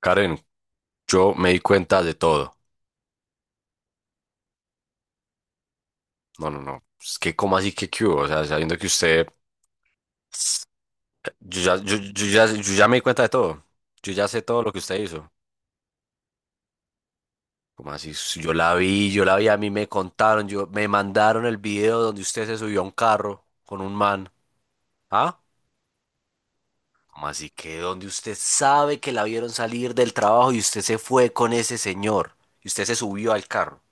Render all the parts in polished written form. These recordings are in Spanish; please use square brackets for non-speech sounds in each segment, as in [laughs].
Karen, yo me di cuenta de todo. No, no, no. Es que, ¿cómo así que qué hubo? O sea, sabiendo que usted. Yo ya me di cuenta de todo. Yo ya sé todo lo que usted hizo. ¿Cómo así? Si yo la vi, a mí me contaron, me mandaron el video donde usted se subió a un carro con un man. ¿Ah? ¿Cómo así que donde usted sabe que la vieron salir del trabajo y usted se fue con ese señor? Y usted se subió al carro.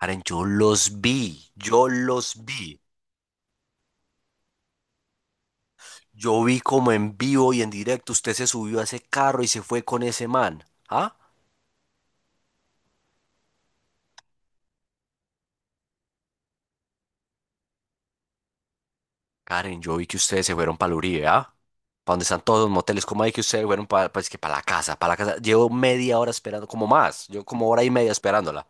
Karen, yo los vi. Yo vi como en vivo y en directo usted se subió a ese carro y se fue con ese man. ¿Ah? Karen, yo vi que ustedes se fueron para el Uribe, ¿ah? Para donde están todos los moteles. ¿Cómo hay que ustedes fueron para, que para la casa? Para la casa. Llevo media hora esperando, como más. Yo como hora y media esperándola.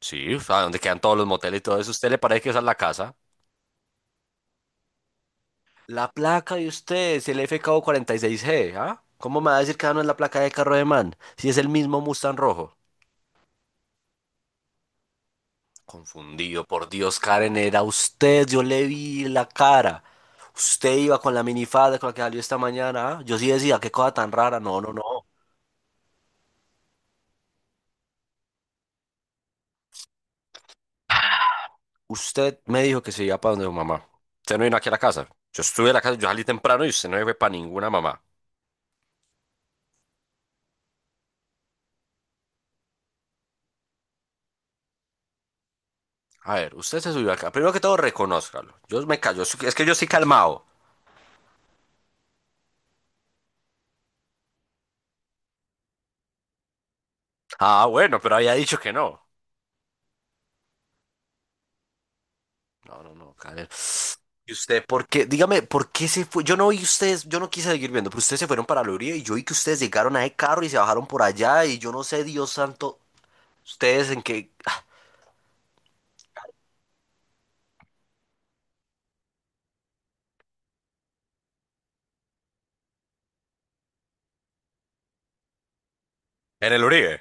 Sí, o sea, donde quedan todos los moteles y todo eso. ¿Usted le parece que esa es la casa? La placa de ustedes, el F FKO 46G, ¿ah? ¿Cómo me va a decir que esa no es la placa de carro de man? Si es el mismo Mustang rojo. Confundido, por Dios, Karen, era usted, yo le vi la cara. Usted iba con la minifalda con la que salió esta mañana. ¿Ah? Yo sí decía, qué cosa tan rara. No, no, no. Usted me dijo que se iba para donde su mamá. Usted no vino aquí a la casa. Yo estuve en la casa, yo salí temprano y usted no fue para ninguna mamá. A ver, usted se subió acá. Primero que todo, reconózcalo. Yo me callo, es que yo estoy calmado. Ah, bueno, pero había dicho que no. No, no, no, Karen. ¿Y usted por qué? Dígame, ¿por qué se fue? Yo no vi ustedes, yo no quise seguir viendo, pero ustedes se fueron para el Uribe y yo vi que ustedes llegaron a ese carro y se bajaron por allá y yo no sé, Dios santo, ustedes en qué... En el Uribe.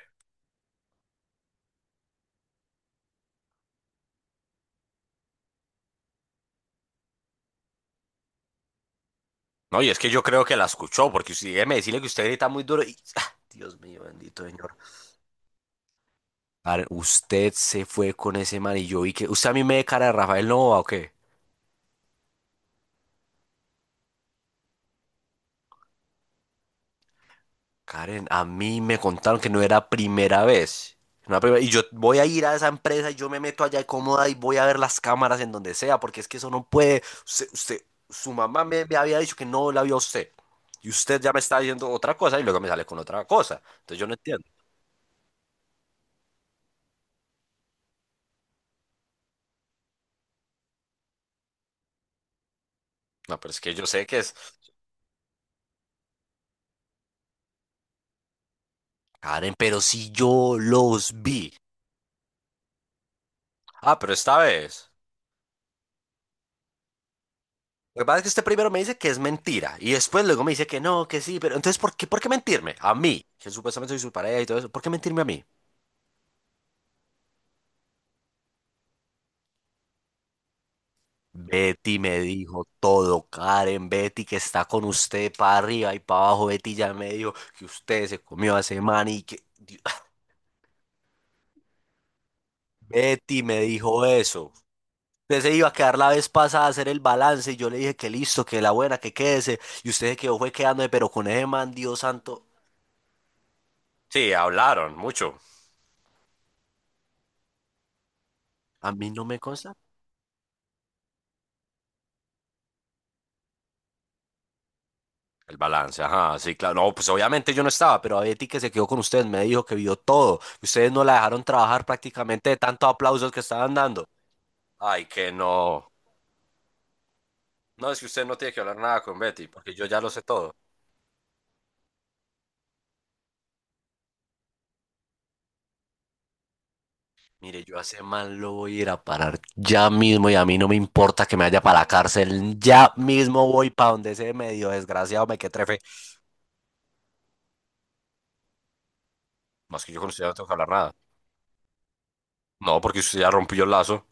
No, y es que yo creo que la escuchó, porque usted, déjeme decirle que usted grita muy duro y... ah, Dios mío, bendito señor. Karen, usted se fue con ese man y yo vi que... ¿Usted a mí me ve cara de Rafael Nova o qué? Karen, a mí me contaron que no era primera vez. No era primera- Y yo voy a ir a esa empresa y yo me meto allá cómoda y voy a ver las cámaras en donde sea, porque es que eso no puede. Su mamá me había dicho que no la vio a usted. Y usted ya me está diciendo otra cosa y luego me sale con otra cosa. Entonces yo no entiendo. No, pero es que yo sé que es. Karen, pero si yo los vi. Ah, pero esta vez. Lo que pasa es que usted primero me dice que es mentira y después luego me dice que no, que sí, pero entonces ¿por qué mentirme? A mí, que supuestamente soy su pareja y todo eso, ¿por qué mentirme a mí? Betty me dijo todo, Karen, Betty que está con usted para arriba y para abajo, Betty ya me dijo que usted se comió a ese man y que Dios, Betty me dijo eso. Usted se iba a quedar la vez pasada a hacer el balance y yo le dije que listo, que la buena, que quédese y usted se quedó fue quedándome, pero con ese man, Dios santo, sí, hablaron mucho. A mí no me consta. El balance, ajá, sí, claro. No, pues obviamente yo no estaba, pero a Betty que se quedó con ustedes me dijo que vio todo. Ustedes no la dejaron trabajar prácticamente de tantos aplausos que estaban dando. Ay, que no. No, es que usted no tiene que hablar nada con Betty, porque yo ya lo sé todo. Mire, yo hace mal lo voy a ir a parar ya mismo y a mí no me importa que me vaya para la cárcel. Ya mismo voy para donde ese medio desgraciado me que trefe. Más que yo con usted ya no tengo que hablar nada. No, porque usted ya rompió el lazo.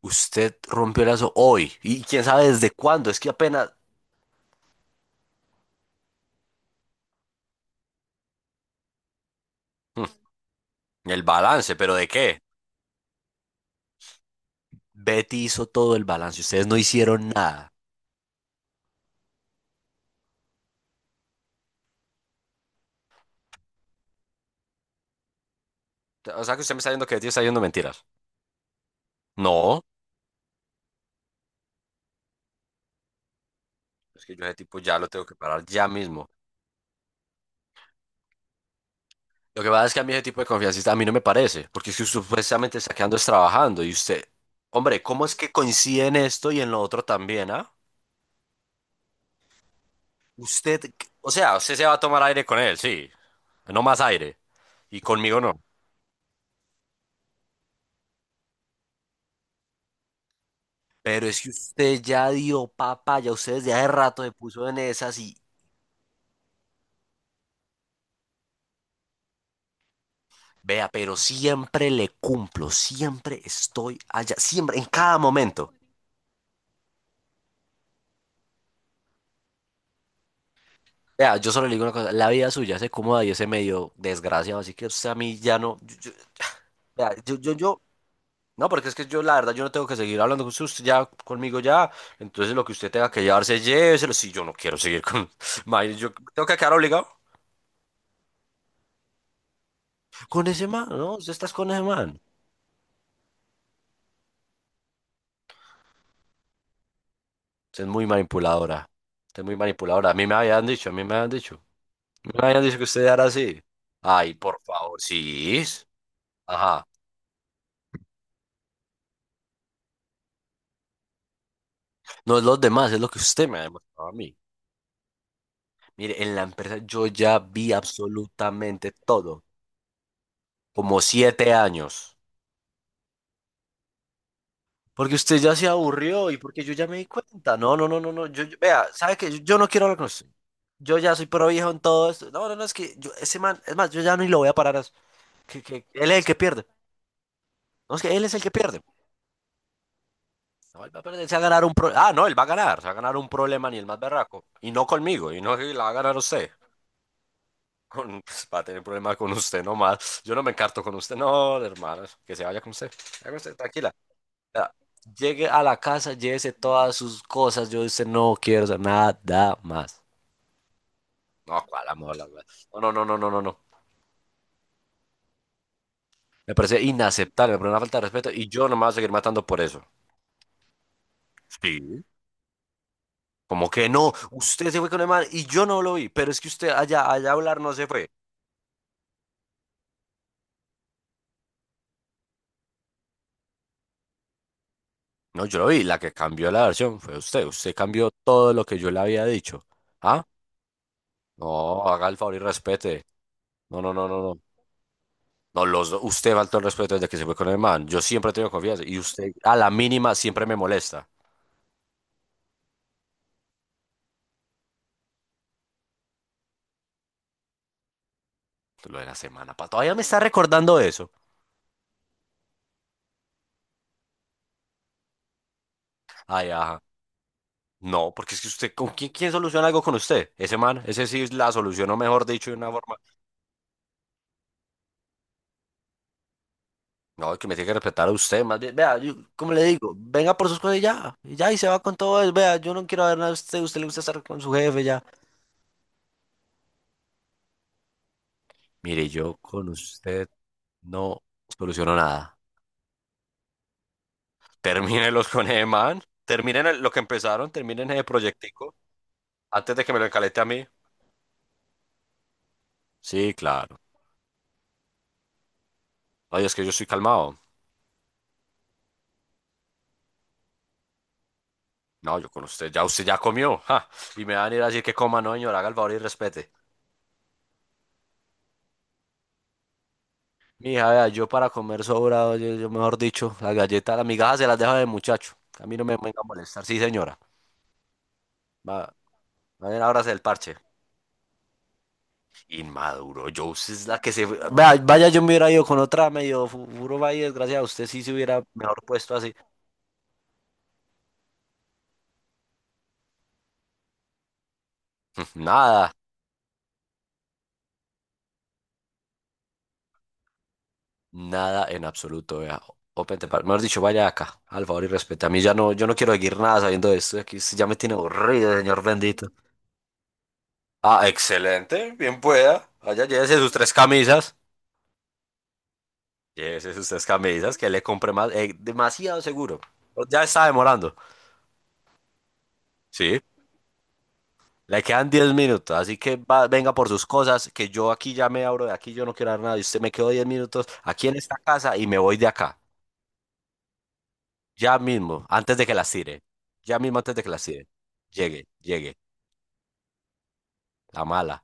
Usted rompió el lazo hoy. ¿Y quién sabe desde cuándo? Es que apenas... Mm, El balance, ¿pero de qué? Betty hizo todo el balance. Ustedes no hicieron nada. O sea que usted me está diciendo que Betty está diciendo mentiras. No. Es que yo ese tipo ya lo tengo que parar ya mismo. Lo que pasa es que a mí ese tipo de confianza a mí no me parece, porque es que usted supuestamente está quedando es trabajando y usted, hombre, ¿cómo es que coincide en esto y en lo otro también, ah? Usted, o sea, usted se va a tomar aire con él, sí, no más aire, y conmigo no. Pero es que usted ya dio papá, ya usted desde hace rato se puso en esas y vea, pero siempre le cumplo, siempre estoy allá, siempre, en cada momento. Vea, yo solo le digo una cosa, la vida suya se cómoda y ese medio desgraciado, así que usted a mí ya no, vea, no, porque es que yo la verdad, yo no tengo que seguir hablando con usted, usted ya conmigo ya, entonces lo que usted tenga que llevarse, lléveselo, si yo no quiero seguir con, [laughs] mae, yo tengo que quedar obligado con ese man, ¿no? Usted está con ese man, usted es muy manipuladora, usted es muy manipuladora, a mí me habían dicho que usted era así, ay, por favor, sí, ajá, no es los demás, es lo que usted me ha demostrado a mí. Mire, en la empresa yo ya vi absolutamente todo, como 7 años. Porque usted ya se aburrió y porque yo ya me di cuenta. No, no, no, no, no. Vea, ¿sabe qué? Yo no quiero hablar con usted. Yo ya soy pro viejo en todo esto. No, no, no, es que yo, ese man, es más, yo ya ni lo voy a parar. A eso. Que él es el que pierde. No, es que él es el que pierde. No, él va a perder, se va a ganar un pro. Ah, no, él va a ganar. Se va a ganar un problema ni el más berraco. Y no conmigo, y no que la va a ganar usted. Pues, va a tener problemas con usted nomás. Yo no me encarto con usted, no, hermano. Que se vaya con usted. Se vaya con usted, tranquila. Ya, llegue a la casa, llévese todas sus cosas. Yo dice, no quiero saber nada más. No, cuál amor, la verdad. No, no, no, no, no, no, no. Me parece inaceptable, me parece una falta de respeto y yo no me voy a seguir matando por eso. Sí. Como que no, usted se fue con el man y yo no lo vi, pero es que usted allá, allá a hablar no se fue. No, yo lo vi, la que cambió la versión fue usted. Usted cambió todo lo que yo le había dicho. ¿Ah? No, haga el favor y respete. No, no, no, no, no. No, usted faltó el respeto desde que se fue con el man. Yo siempre he tenido confianza. Y usted, a la mínima, siempre me molesta. Lo de la semana pa- Todavía me está recordando eso. Ay, ajá. No, porque es que usted, ¿con quién soluciona algo con usted? Ese man, ese sí la solucionó, mejor dicho, de una forma. No, que me tiene que respetar a usted, más bien. Vea, yo, como le digo, venga por sus cosas y ya. Y ya, y se va con todo eso. Vea, yo no quiero ver nada de usted. Usted le gusta estar con su jefe ya. Mire, yo con usted no soluciono nada. Termínelos con ese man. Terminen lo que empezaron, terminen ese proyectico antes de que me lo encalete a mí. Sí, claro. Oye, es que yo estoy calmado. No, yo con usted ya comió. Ja. Y me van a ir a decir que coma, no, señor, haga el favor y respete. Mija, vea, yo para comer sobrado, yo mejor dicho, las galletas, las migajas se las deja de muchacho. A mí no me venga a molestar. Sí, señora. Va, vayan ahora del parche. Inmaduro, yo usted es la que se... Vea, vaya, yo me hubiera ido con otra medio furo, vaya, desgracia, usted sí se hubiera mejor puesto así. [laughs] Nada. Nada en absoluto, vea. Open the Mejor dicho, vaya acá, al favor y respete. A mí ya no, yo no quiero seguir nada sabiendo de esto. Aquí esto ya me tiene aburrido, señor bendito. Ah, excelente, bien pueda. Allá llévese sus tres camisas. Llévese sus tres camisas, que le compre más. Demasiado seguro. Ya está demorando. Sí. Le quedan 10 minutos, así que venga por sus cosas, que yo aquí ya me abro de aquí, yo no quiero dar nada. Y usted me quedo 10 minutos aquí en esta casa y me voy de acá. Ya mismo, antes de que la tire. Ya mismo antes de que la tire. Llegue, llegue. La mala.